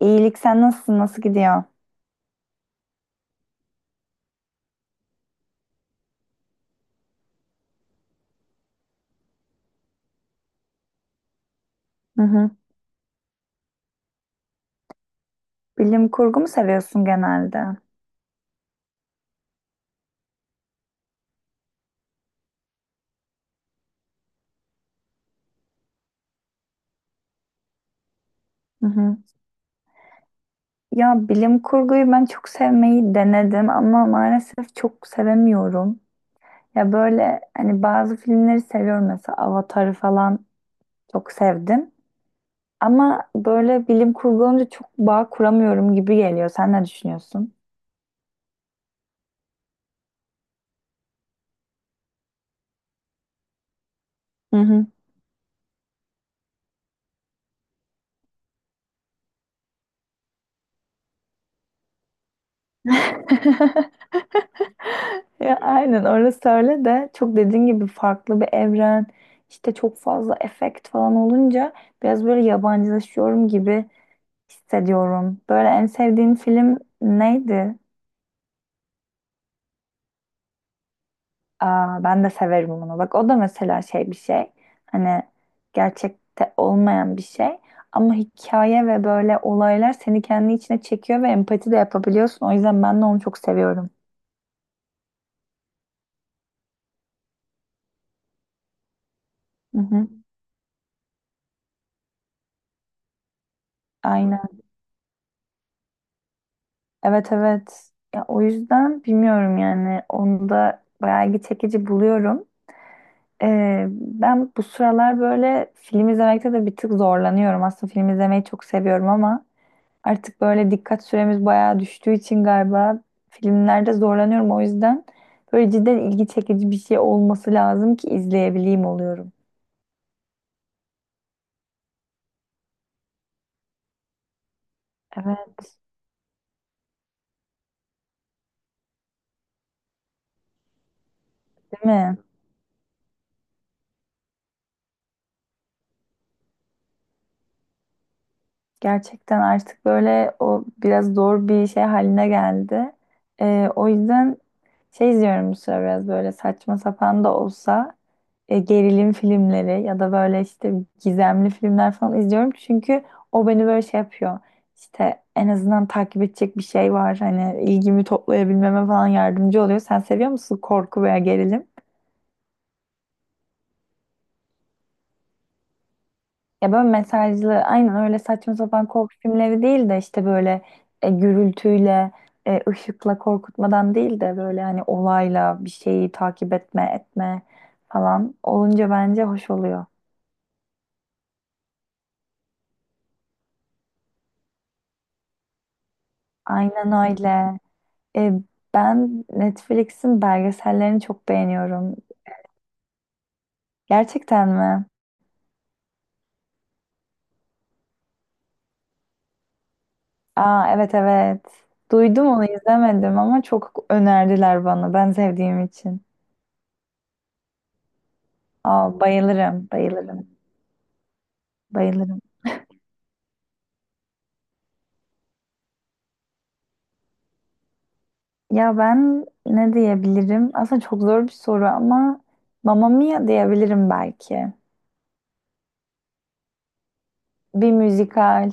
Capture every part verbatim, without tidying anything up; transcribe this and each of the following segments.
İyilik sen nasılsın? Nasıl gidiyor? Hı hı. Bilim kurgu mu seviyorsun genelde? Hı hı. Ya bilim kurguyu ben çok sevmeyi denedim ama maalesef çok sevemiyorum. Ya böyle hani bazı filmleri seviyorum, mesela Avatar'ı falan çok sevdim. Ama böyle bilim kurgu olunca çok bağ kuramıyorum gibi geliyor. Sen ne düşünüyorsun? Ya aynen, orası öyle de çok dediğin gibi farklı bir evren, işte çok fazla efekt falan olunca biraz böyle yabancılaşıyorum gibi hissediyorum. Böyle en sevdiğin film neydi? Aa, ben de severim onu. Bak o da mesela şey, bir şey hani gerçekte olmayan bir şey ama hikaye ve böyle olaylar seni kendi içine çekiyor ve empati de yapabiliyorsun. O yüzden ben de onu çok seviyorum. Hı hı. Evet, evet. Ya o yüzden bilmiyorum yani, onu da bayağı ilgi çekici buluyorum. Ee, ben bu sıralar böyle film izlemekte de bir tık zorlanıyorum. Aslında film izlemeyi çok seviyorum ama artık böyle dikkat süremiz bayağı düştüğü için galiba filmlerde zorlanıyorum. O yüzden böyle cidden ilgi çekici bir şey olması lazım ki izleyebileyim oluyorum. Evet, değil mi? Gerçekten artık böyle o biraz zor bir şey haline geldi. Ee, o yüzden şey izliyorum bu sıra, biraz böyle saçma sapan da olsa e, gerilim filmleri ya da böyle işte gizemli filmler falan izliyorum. Çünkü o beni böyle şey yapıyor. İşte en azından takip edecek bir şey var. Hani ilgimi toplayabilmeme falan yardımcı oluyor. Sen seviyor musun korku veya gerilim? Ya böyle mesajlı, aynen öyle saçma sapan korku filmleri değil de işte böyle e, gürültüyle, e, ışıkla korkutmadan değil de böyle hani olayla bir şeyi takip etme, etme falan olunca bence hoş oluyor. Aynen öyle. E, ben Netflix'in belgesellerini çok beğeniyorum. Gerçekten mi? Aa, evet evet. Duydum onu, izlemedim ama çok önerdiler bana ben sevdiğim için. Aa, bayılırım, bayılırım, bayılırım. Ya ben ne diyebilirim? Aslında çok zor bir soru ama Mamma Mia diyebilirim belki. Bir müzikal,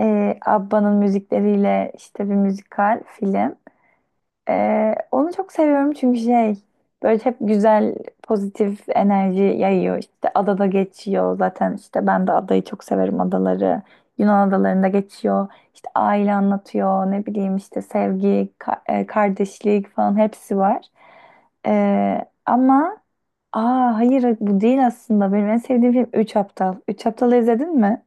e, Abba'nın müzikleriyle işte, bir müzikal film. Ee, onu çok seviyorum çünkü şey, böyle hep güzel pozitif enerji yayıyor. İşte adada geçiyor zaten, işte ben de adayı çok severim, adaları. Yunan adalarında geçiyor. İşte aile anlatıyor, ne bileyim işte sevgi, ka- e, kardeşlik falan hepsi var. Ee, ama aa, hayır bu değil, aslında benim en sevdiğim film Üç Aptal. Üç Aptal'ı izledin mi?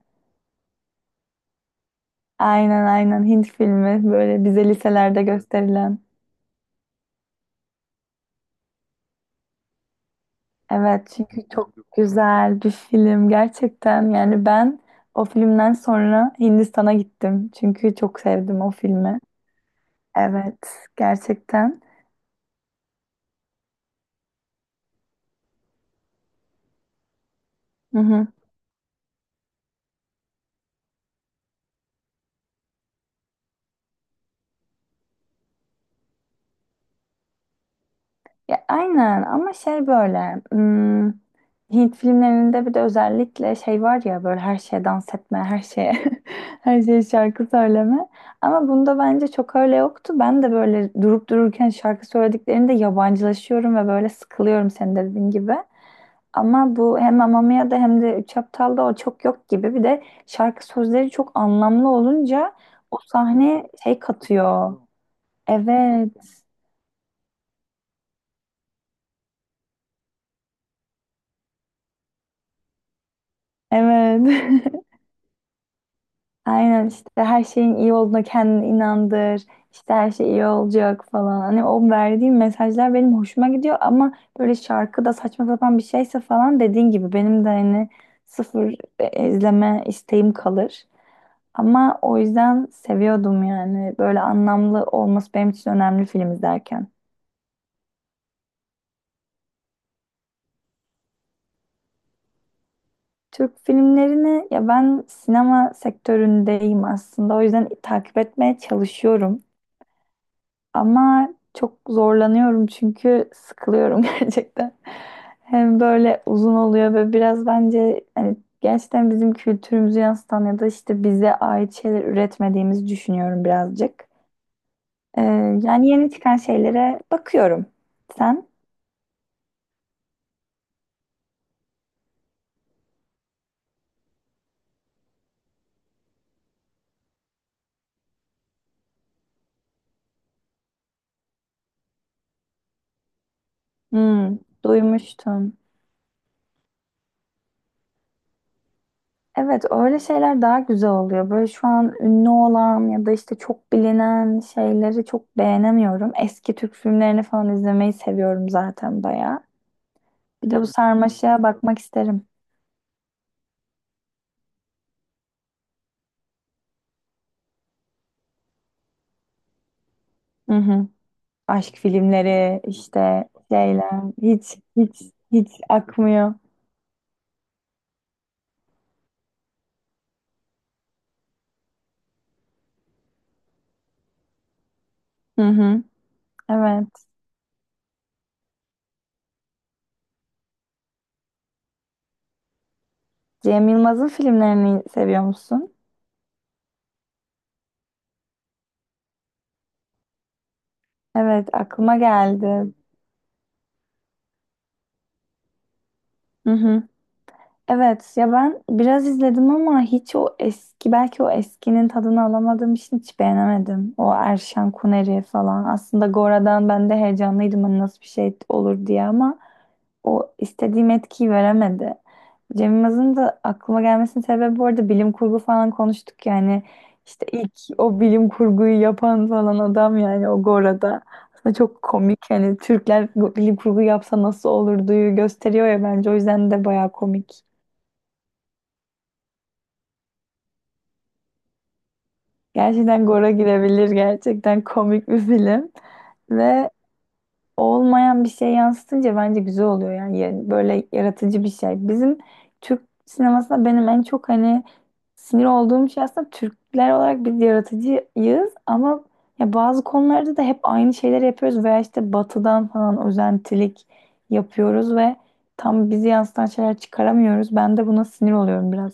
Aynen aynen, Hint filmi, böyle bize liselerde gösterilen. Evet, çünkü çok güzel bir film gerçekten. Yani ben o filmden sonra Hindistan'a gittim çünkü çok sevdim o filmi. Evet, gerçekten. Hı hı. Ya aynen, ama şey böyle, hmm, Hint filmlerinde bir de özellikle şey var ya, böyle her şeye dans etme, her şeye her şeye şarkı söyleme, ama bunda bence çok öyle yoktu. Ben de böyle durup dururken şarkı söylediklerinde yabancılaşıyorum ve böyle sıkılıyorum, senin dediğin gibi. Ama bu hem Amamiya'da hem de Üç Aptal'da o çok yok gibi. Bir de şarkı sözleri çok anlamlı olunca o sahne şey katıyor. Evet, evet. Aynen, işte her şeyin iyi olduğuna kendini inandır. İşte her şey iyi olacak falan. Hani o verdiğim mesajlar benim hoşuma gidiyor ama böyle şarkıda saçma sapan bir şeyse falan, dediğin gibi benim de hani sıfır e, izleme isteğim kalır. Ama o yüzden seviyordum yani. Böyle anlamlı olması benim için önemli film izlerken. Türk filmlerini, ya ben sinema sektöründeyim aslında. O yüzden takip etmeye çalışıyorum. Ama çok zorlanıyorum çünkü sıkılıyorum gerçekten. Hem böyle uzun oluyor ve biraz bence hani gerçekten bizim kültürümüzü yansıtan ya da işte bize ait şeyler üretmediğimizi düşünüyorum birazcık. Ee, yani yeni çıkan şeylere bakıyorum. Sen? Hmm, duymuştum. Evet, öyle şeyler daha güzel oluyor. Böyle şu an ünlü olan ya da işte çok bilinen şeyleri çok beğenemiyorum. Eski Türk filmlerini falan izlemeyi seviyorum zaten bayağı. Bir de bu sarmaşığa bakmak isterim. Hı hı. Aşk filmleri, işte şeyler hiç hiç hiç akmıyor. Hı hı. Evet. Cem Yılmaz'ın filmlerini seviyor musun? Evet, aklıma geldi. Hı hı. Evet ya, ben biraz izledim ama hiç o eski, belki o eskinin tadını alamadığım için, hiç beğenemedim. O Erşan Kuneri falan. Aslında Gora'dan ben de heyecanlıydım hani nasıl bir şey olur diye, ama o istediğim etkiyi veremedi. Cem Yılmaz'ın da aklıma gelmesinin sebebi, bu arada bilim kurgu falan konuştuk yani. İşte ilk o bilim kurguyu yapan falan adam yani o, Gora'da. Aslında çok komik, yani Türkler bilim kurgu yapsa nasıl olurduyu gösteriyor ya, bence o yüzden de bayağı komik. Gerçekten Gora girebilir. Gerçekten komik bir film. Ve olmayan bir şey yansıtınca bence güzel oluyor. Yani ya- böyle yaratıcı bir şey. Bizim Türk sinemasında benim en çok hani sinir olduğum şey, aslında Türkler olarak biz yaratıcıyız ama ya bazı konularda da hep aynı şeyleri yapıyoruz veya işte batıdan falan özentilik yapıyoruz ve tam bizi yansıtan şeyler çıkaramıyoruz. Ben de buna sinir oluyorum biraz.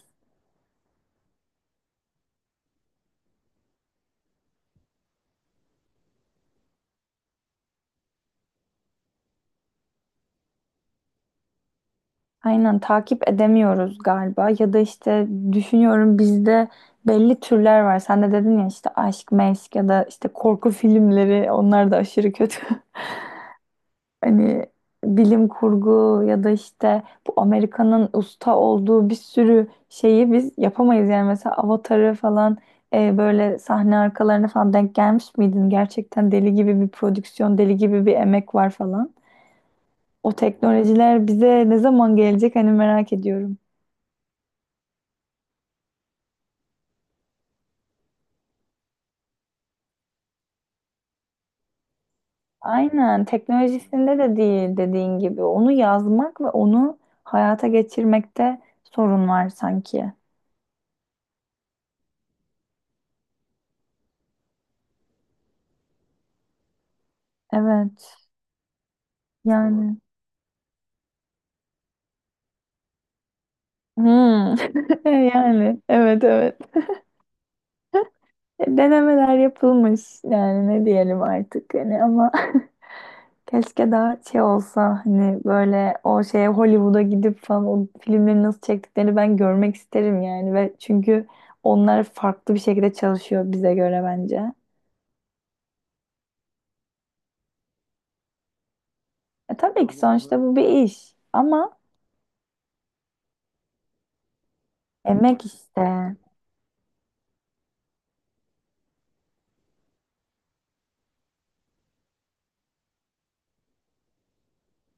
Aynen, takip edemiyoruz galiba, ya da işte düşünüyorum, bizde belli türler var. Sen de dedin ya, işte aşk, meşk ya da işte korku filmleri, onlar da aşırı kötü. Hani bilim kurgu ya da işte bu Amerika'nın usta olduğu bir sürü şeyi biz yapamayız. Yani mesela Avatar'ı falan e, böyle sahne arkalarına falan denk gelmiş miydin? Gerçekten deli gibi bir prodüksiyon, deli gibi bir emek var falan. O teknolojiler bize ne zaman gelecek hani, merak ediyorum. Aynen, teknolojisinde de değil, dediğin gibi. Onu yazmak ve onu hayata geçirmekte sorun var sanki. Evet. Yani. Hmm. Yani, evet evet. E, denemeler yapılmış yani, ne diyelim artık hani, ama keşke daha şey olsa hani, böyle o şeye, Hollywood'a gidip falan o filmleri nasıl çektiklerini ben görmek isterim yani. Ve çünkü onlar farklı bir şekilde çalışıyor bize göre bence. E, tabii ki sonuçta bu bir iş. Ama emek işte.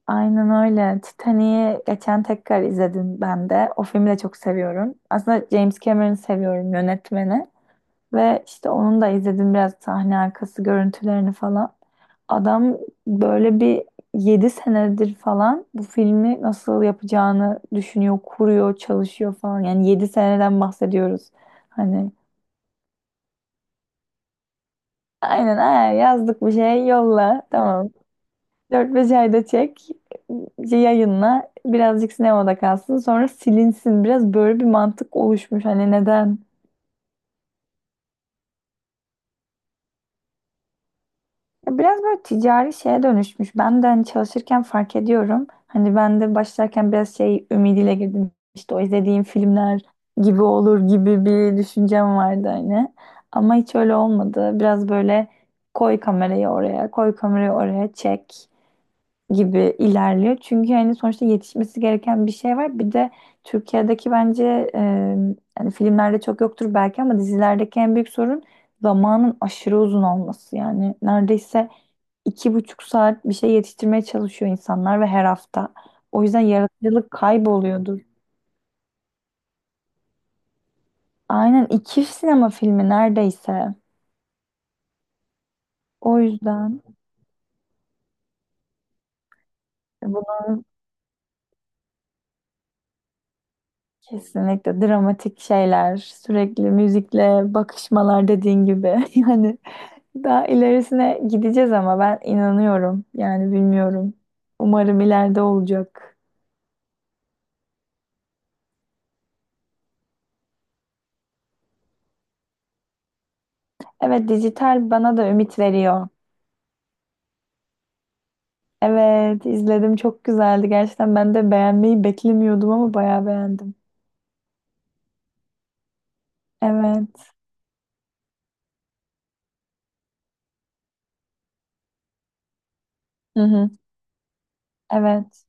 Aynen öyle. Titanic'i geçen tekrar izledim ben de. O filmi de çok seviyorum. Aslında James Cameron'ı seviyorum, yönetmeni. Ve işte onun da izledim biraz sahne arkası görüntülerini falan. Adam böyle bir yedi senedir falan bu filmi nasıl yapacağını düşünüyor, kuruyor, çalışıyor falan. Yani yedi seneden bahsediyoruz. Hani aynen, "Aa, yazdık bir şey, yolla, tamam. Dört beş ayda çek, yayınla, birazcık sinemada kalsın, sonra silinsin." Biraz böyle bir mantık oluşmuş. Hani neden? Ya biraz böyle ticari şeye dönüşmüş. Ben de hani çalışırken fark ediyorum. Hani ben de başlarken biraz şey ümidiyle girdim. İşte o izlediğim filmler gibi olur gibi bir düşüncem vardı hani. Ama hiç öyle olmadı. Biraz böyle koy kamerayı oraya, koy kamerayı oraya, çek gibi ilerliyor. Çünkü hani sonuçta yetişmesi gereken bir şey var. Bir de Türkiye'deki bence e, yani filmlerde çok yoktur belki, ama dizilerdeki en büyük sorun zamanın aşırı uzun olması. Yani neredeyse iki buçuk saat bir şey yetiştirmeye çalışıyor insanlar, ve her hafta. O yüzden yaratıcılık kayboluyordur. Aynen, iki sinema filmi neredeyse. O yüzden bunun, kesinlikle dramatik şeyler, sürekli müzikle bakışmalar, dediğin gibi. Yani daha ilerisine gideceğiz ama ben inanıyorum. Yani bilmiyorum. Umarım ileride olacak. Evet, dijital bana da ümit veriyor. Evet, izledim çok güzeldi. Gerçekten ben de beğenmeyi beklemiyordum ama bayağı beğendim. Evet. Hı hı. Evet.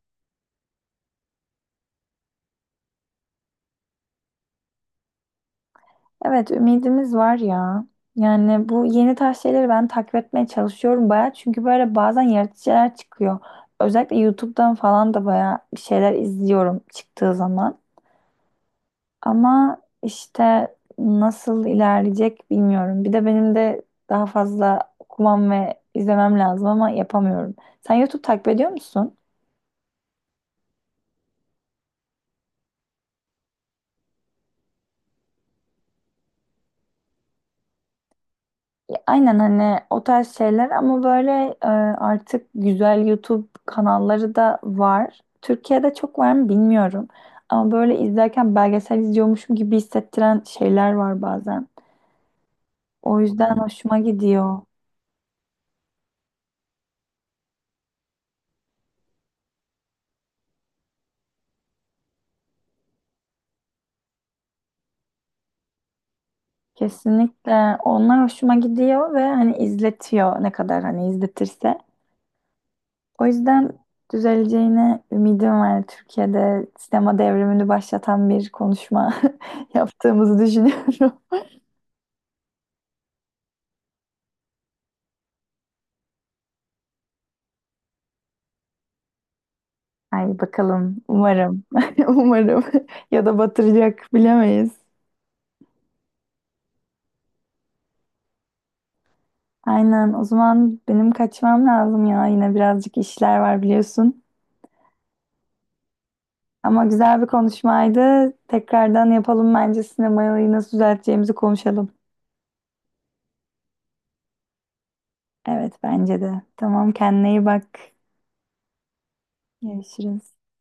Evet, ümidimiz var ya. Yani bu yeni tarz şeyleri ben takip etmeye çalışıyorum bayağı. Çünkü böyle bazen yaratıcı şeyler çıkıyor. Özellikle YouTube'dan falan da bayağı bir şeyler izliyorum çıktığı zaman. Ama işte nasıl ilerleyecek bilmiyorum. Bir de benim de daha fazla okumam ve izlemem lazım ama yapamıyorum. Sen YouTube takip ediyor musun? Ya aynen, hani o tarz şeyler ama böyle, e, artık güzel YouTube kanalları da var. Türkiye'de çok var mı bilmiyorum. Ama böyle izlerken belgesel izliyormuşum gibi hissettiren şeyler var bazen. O yüzden hoşuma gidiyor. Kesinlikle, onlar hoşuma gidiyor ve hani izletiyor ne kadar hani izletirse. O yüzden düzeleceğine ümidim var. Türkiye'de sinema devrimini başlatan bir konuşma yaptığımızı düşünüyorum. Ay bakalım, umarım. Umarım. Ya da batıracak, bilemeyiz. Aynen, o zaman benim kaçmam lazım ya. Yine birazcık işler var, biliyorsun. Ama güzel bir konuşmaydı. Tekrardan yapalım bence, sinemayı nasıl düzelteceğimizi konuşalım. Evet, bence de. Tamam, kendine iyi bak. Görüşürüz.